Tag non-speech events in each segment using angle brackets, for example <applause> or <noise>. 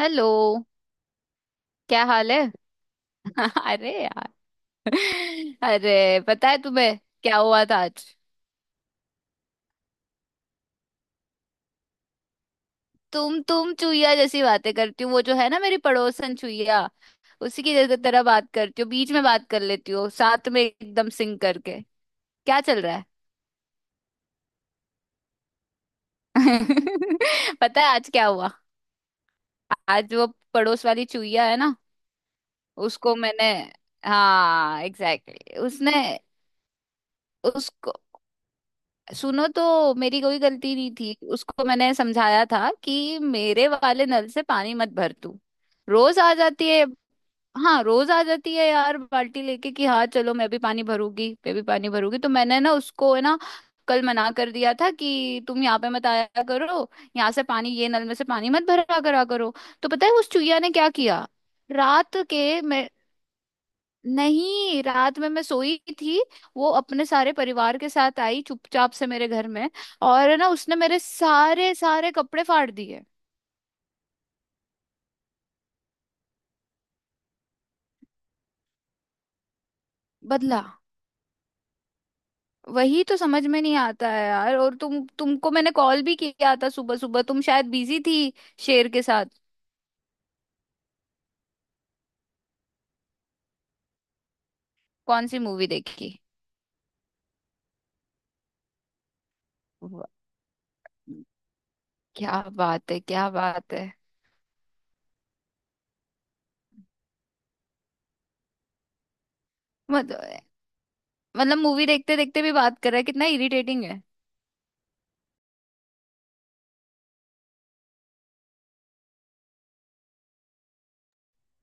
Hello. क्या हाल है। <laughs> अरे यार। अरे पता है तुम्हें क्या हुआ था आज। तुम चुईया जैसी बातें करती हो। वो जो है ना, मेरी पड़ोसन चुईया। उसी की जगह तरह बात करती हो, बीच में बात कर लेती हो, साथ में एकदम सिंग करके। क्या चल रहा है। <laughs> पता है आज क्या हुआ। आज वो पड़ोस वाली चुईया है ना, उसको मैंने हाँ एग्जैक्टली exactly। उसने उसको सुनो, तो मेरी कोई गलती नहीं थी। उसको मैंने समझाया था कि मेरे वाले नल से पानी मत भर तू। रोज आ जाती है। हाँ रोज आ जाती है यार, बाल्टी लेके कि हाँ चलो मैं भी पानी भरूंगी मैं भी पानी भरूंगी। तो मैंने ना उसको है ना कल मना कर दिया था कि तुम यहाँ पे मत आया करो। यहाँ से पानी, ये नल में से पानी मत भरा करा करो। तो पता है उस चुहिया ने क्या किया। रात के मैं नहीं, रात में मैं सोई थी। वो अपने सारे परिवार के साथ आई चुपचाप से मेरे घर में। और ना उसने मेरे सारे सारे कपड़े फाड़ दिए। बदला। वही तो समझ में नहीं आता है यार। और तुमको मैंने कॉल भी किया था, सुबह सुबह तुम शायद बिजी थी शेर के साथ। कौन सी मूवी देखी। वाह, क्या बात है, क्या बात है। मतलब मतलब मूवी देखते देखते भी बात कर रहा है, कितना इरिटेटिंग है।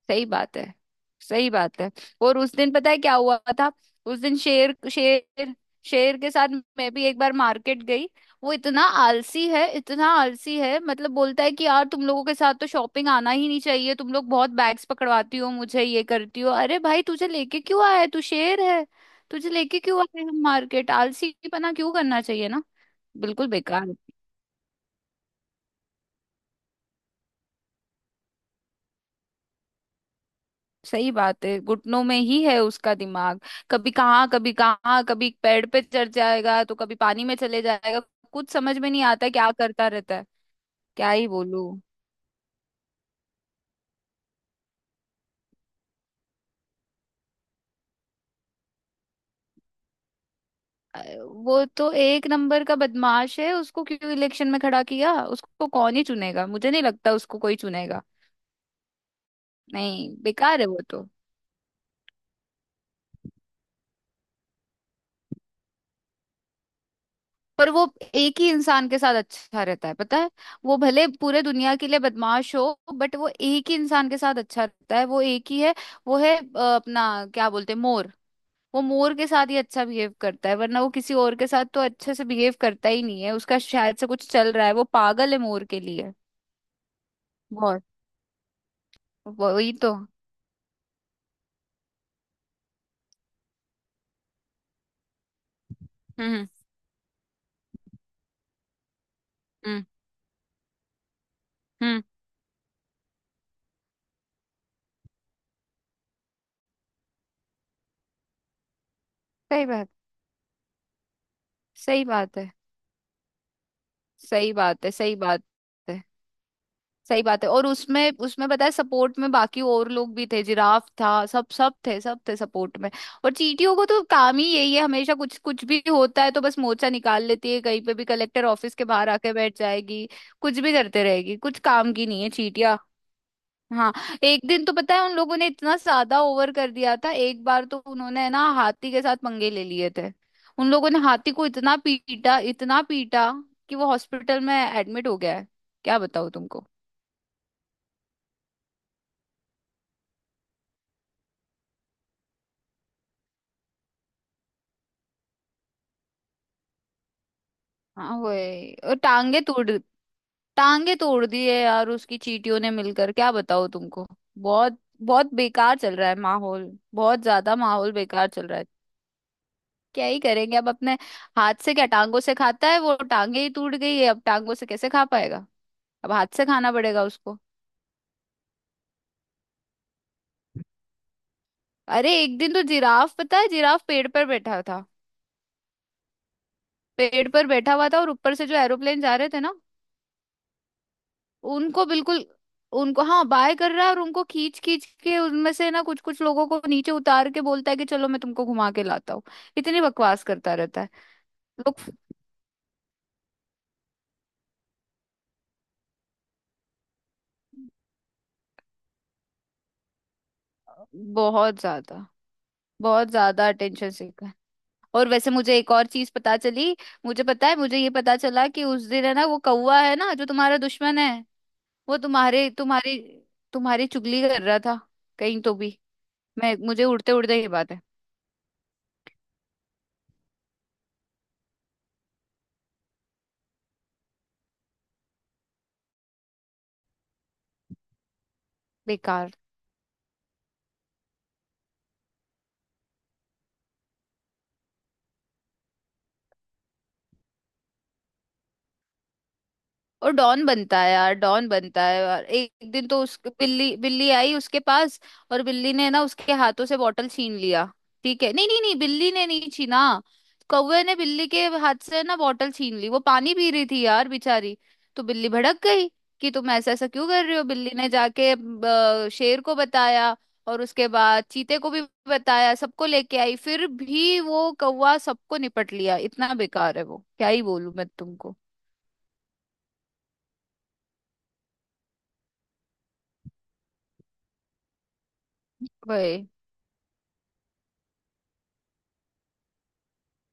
सही बात है। सही बात है। और उस दिन पता है क्या हुआ था। उस दिन शेर शेर शेर के साथ मैं भी एक बार मार्केट गई। वो इतना आलसी है इतना आलसी है, मतलब बोलता है कि यार तुम लोगों के साथ तो शॉपिंग आना ही नहीं चाहिए, तुम लोग बहुत बैग्स पकड़वाती हो मुझे ये करती हो। अरे भाई तुझे लेके क्यों आया है, तू शेर है। तुझे लेके क्यों आए हम मार्केट, आलसीपना क्यों करना चाहिए ना। बिल्कुल बेकार। सही बात है, घुटनों में ही है उसका दिमाग। कभी कहाँ कभी कहाँ, कभी पेड़ पे चढ़ जाएगा तो कभी पानी में चले जाएगा। कुछ समझ में नहीं आता क्या करता रहता है। क्या ही बोलूं। वो तो एक नंबर का बदमाश है, उसको क्यों इलेक्शन में खड़ा किया। उसको कौन ही चुनेगा, मुझे नहीं लगता उसको कोई चुनेगा। नहीं बेकार है वो तो। पर वो एक ही इंसान के साथ अच्छा रहता है पता है। वो भले पूरे दुनिया के लिए बदमाश हो बट वो एक ही इंसान के साथ अच्छा रहता है, वो एक ही है। वो है अपना क्या बोलते हैं, मोर। वो मोर के साथ ही अच्छा बिहेव करता है, वरना वो किसी और के साथ तो अच्छे से बिहेव करता ही नहीं है। उसका शायद से कुछ चल रहा है, वो पागल है मोर के लिए। बहुत। वही तो। हम्म हम्म हम्म सही बात। सही बात है। सही बात है। सही बात है। सही बात है। और उसमें उसमें पता है सपोर्ट में बाकी और लोग भी थे, जिराफ था, सब सब थे, सब थे सपोर्ट में। और चींटियों को तो काम ही यही है, हमेशा कुछ कुछ भी होता है तो बस मोर्चा निकाल लेती है कहीं पे भी, कलेक्टर ऑफिस के बाहर आके बैठ जाएगी। कुछ भी करते रहेगी, कुछ काम की नहीं है चींटिया। हाँ, एक दिन तो पता है उन लोगों ने इतना ज्यादा ओवर कर दिया था, एक बार तो उन्होंने ना हाथी के साथ पंगे ले लिए थे। उन लोगों ने हाथी को इतना पीटा कि वो हॉस्पिटल में एडमिट हो गया है। क्या बताऊँ। हाँ वही, और टांगे तोड़, टांगे तोड़ दी है यार उसकी चींटियों ने मिलकर, क्या बताओ तुमको। बहुत बहुत बेकार चल रहा है माहौल। बहुत ज्यादा माहौल बेकार चल रहा है। क्या ही करेंगे अब अपने हाथ से, क्या टांगों से खाता है वो, टांगे ही टूट गई है, अब टांगों से कैसे खा पाएगा। अब हाथ से खाना पड़ेगा उसको। अरे एक दिन तो जिराफ पता है, जिराफ पेड़ पर बैठा था, पेड़ पर बैठा हुआ था और ऊपर से जो एरोप्लेन जा रहे थे ना, उनको बिल्कुल, उनको हाँ बाय कर रहा है, और उनको खींच खींच के उनमें से ना कुछ कुछ लोगों को नीचे उतार के बोलता है कि चलो मैं तुमको घुमा के लाता हूँ। इतनी बकवास करता रहता है लोग। बहुत ज्यादा। बहुत ज्यादा अटेंशन सीखा है। और वैसे मुझे एक और चीज पता चली। मुझे पता है, मुझे ये पता चला कि उस दिन है ना, वो कौवा है ना जो तुम्हारा दुश्मन है, वो तुम्हारे तुम्हारी तुम्हारी चुगली कर रहा था कहीं तो भी। मैं मुझे उड़ते उड़ते ये बात है। बेकार। और डॉन बनता है यार, डॉन बनता है यार। एक एक दिन तो उस बिल्ली बिल्ली आई उसके पास। और बिल्ली ने ना उसके हाथों से बॉटल छीन लिया। ठीक है, नहीं नहीं नहीं, बिल्ली ने नहीं छीना। कौवे ने बिल्ली के हाथ से ना बॉटल छीन ली, वो पानी पी रही थी यार बेचारी। तो बिल्ली भड़क गई कि तुम ऐसा ऐसा क्यों कर रहे हो। बिल्ली ने जाके शेर को बताया, और उसके बाद चीते को भी बताया, सबको लेके आई। फिर भी वो कौवा सबको निपट लिया, इतना बेकार है वो। क्या ही बोलूं मैं तुमको। वही।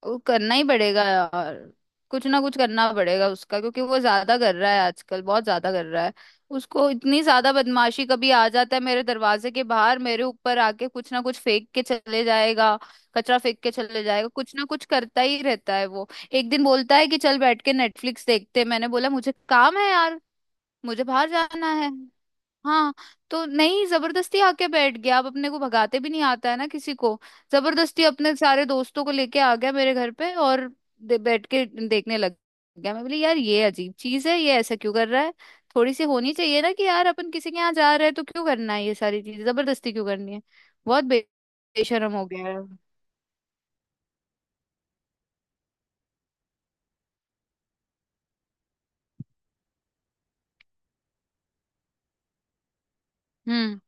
वो करना ही पड़ेगा यार। कुछ ना कुछ करना पड़ेगा उसका क्योंकि वो ज्यादा कर रहा है आजकल, बहुत ज्यादा कर रहा है। उसको इतनी ज्यादा बदमाशी। कभी आ जाता है मेरे दरवाजे के बाहर, मेरे ऊपर आके कुछ ना कुछ फेंक के चले जाएगा, कचरा फेंक के चले जाएगा। कुछ ना कुछ करता ही रहता है वो। एक दिन बोलता है कि चल बैठ के नेटफ्लिक्स देखते हैं। मैंने बोला मुझे काम है यार, मुझे बाहर जाना है। हाँ, तो नहीं, जबरदस्ती आके बैठ गया। अब अपने को भगाते भी नहीं आता है ना किसी को। जबरदस्ती अपने सारे दोस्तों को लेके आ गया मेरे घर पे, और बैठ के देखने लग गया। मैं बोली यार ये अजीब चीज है, ये ऐसा क्यों कर रहा है। थोड़ी सी होनी चाहिए ना कि यार अपन किसी के यहाँ जा रहे हैं तो क्यों करना है ये सारी चीजें, जबरदस्ती क्यों करनी है। बहुत बे- बेशरम हो गया है। हम्म।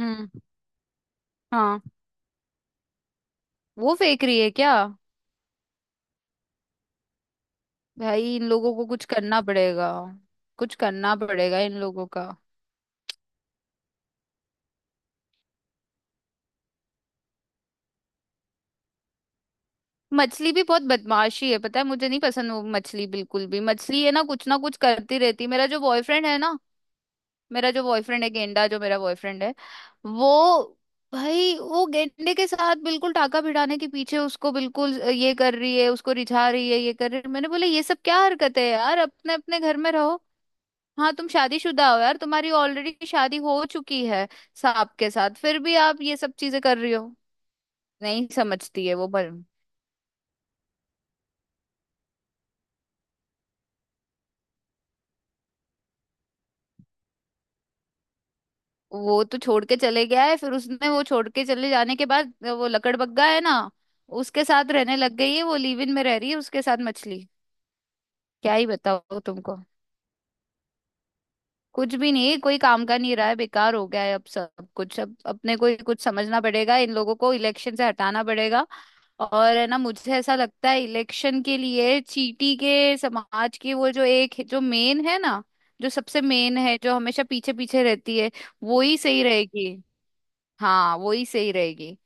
हम्म। हाँ। वो फेंक रही है क्या। भाई इन लोगों को कुछ करना पड़ेगा, कुछ करना पड़ेगा इन लोगों का। मछली भी बहुत बदमाशी है पता है, मुझे नहीं पसंद वो मछली बिल्कुल भी। मछली है ना, कुछ ना कुछ करती रहती है। मेरा जो बॉयफ्रेंड है ना, मेरा जो बॉयफ्रेंड है गेंडा, जो मेरा बॉयफ्रेंड है वो, भाई वो गेंडे के साथ बिल्कुल टाका भिड़ाने के पीछे, उसको बिल्कुल ये कर रही है, उसको रिझा रही है, ये कर रही है। मैंने बोला ये सब क्या हरकत है यार, अपने अपने घर में रहो। हाँ तुम शादीशुदा हो यार, तुम्हारी ऑलरेडी शादी हो चुकी है सांप के साथ, फिर भी आप ये सब चीजें कर रही हो, नहीं समझती है वो भर। वो तो छोड़ के चले गया है, फिर उसने वो छोड़ के चले जाने के बाद वो लकड़बग्गा है ना, उसके साथ रहने लग गई है, वो लिव इन में रह रही है उसके साथ मछली। क्या ही बताओ तुमको। कुछ भी नहीं, कोई काम का नहीं रहा है, बेकार हो गया है अब सब कुछ। अब अपने को ही कुछ समझना पड़ेगा, इन लोगों को इलेक्शन से हटाना पड़ेगा। और है ना, मुझे ऐसा लगता है इलेक्शन के लिए चीटी के समाज की वो जो एक जो मेन है ना, जो सबसे मेन है, जो हमेशा पीछे पीछे रहती है, वो ही सही रहेगी। हाँ वो ही सही रहेगी।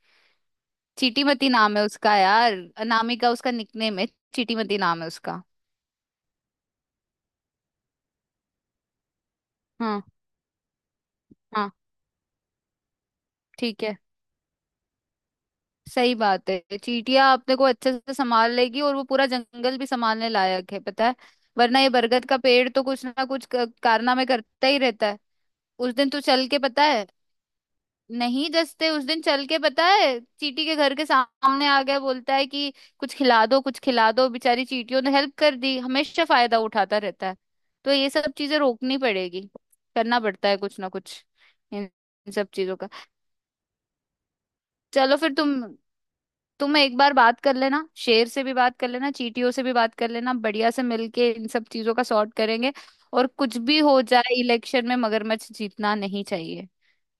चीटीमती नाम है उसका यार। अनामिका उसका निकनेम है। चीटीमती नाम है उसका। हाँ हाँ। ठीक है। सही बात है, चींटियां अपने को अच्छे से संभाल लेगी और वो पूरा जंगल भी संभालने लायक है पता है। वरना ये बरगद का पेड़ तो कुछ ना कुछ कारनामे करता ही रहता है। उस दिन तू चल के पता है, नहीं जस्ते, उस दिन चल के पता है चीटी के घर के सामने आ गया बोलता है कि कुछ खिला दो, कुछ खिला दो, बेचारी चीटियों ने हेल्प कर दी, हमेशा फायदा उठाता रहता है। तो ये सब चीजें रोकनी पड़ेगी। करना पड़ता है कुछ ना कुछ, इन, इन सब चीजों का। चलो फिर, तुम एक बार बात कर लेना, शेर से भी बात कर लेना, चीटियों से भी बात कर लेना, बढ़िया से मिलके इन सब चीजों का सॉर्ट करेंगे। और कुछ भी हो जाए इलेक्शन में मगरमच्छ जीतना नहीं चाहिए,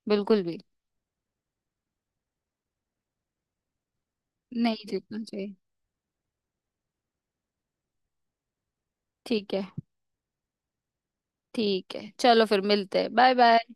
बिल्कुल भी नहीं जीतना चाहिए। ठीक है। ठीक है, चलो फिर मिलते हैं, बाय बाय।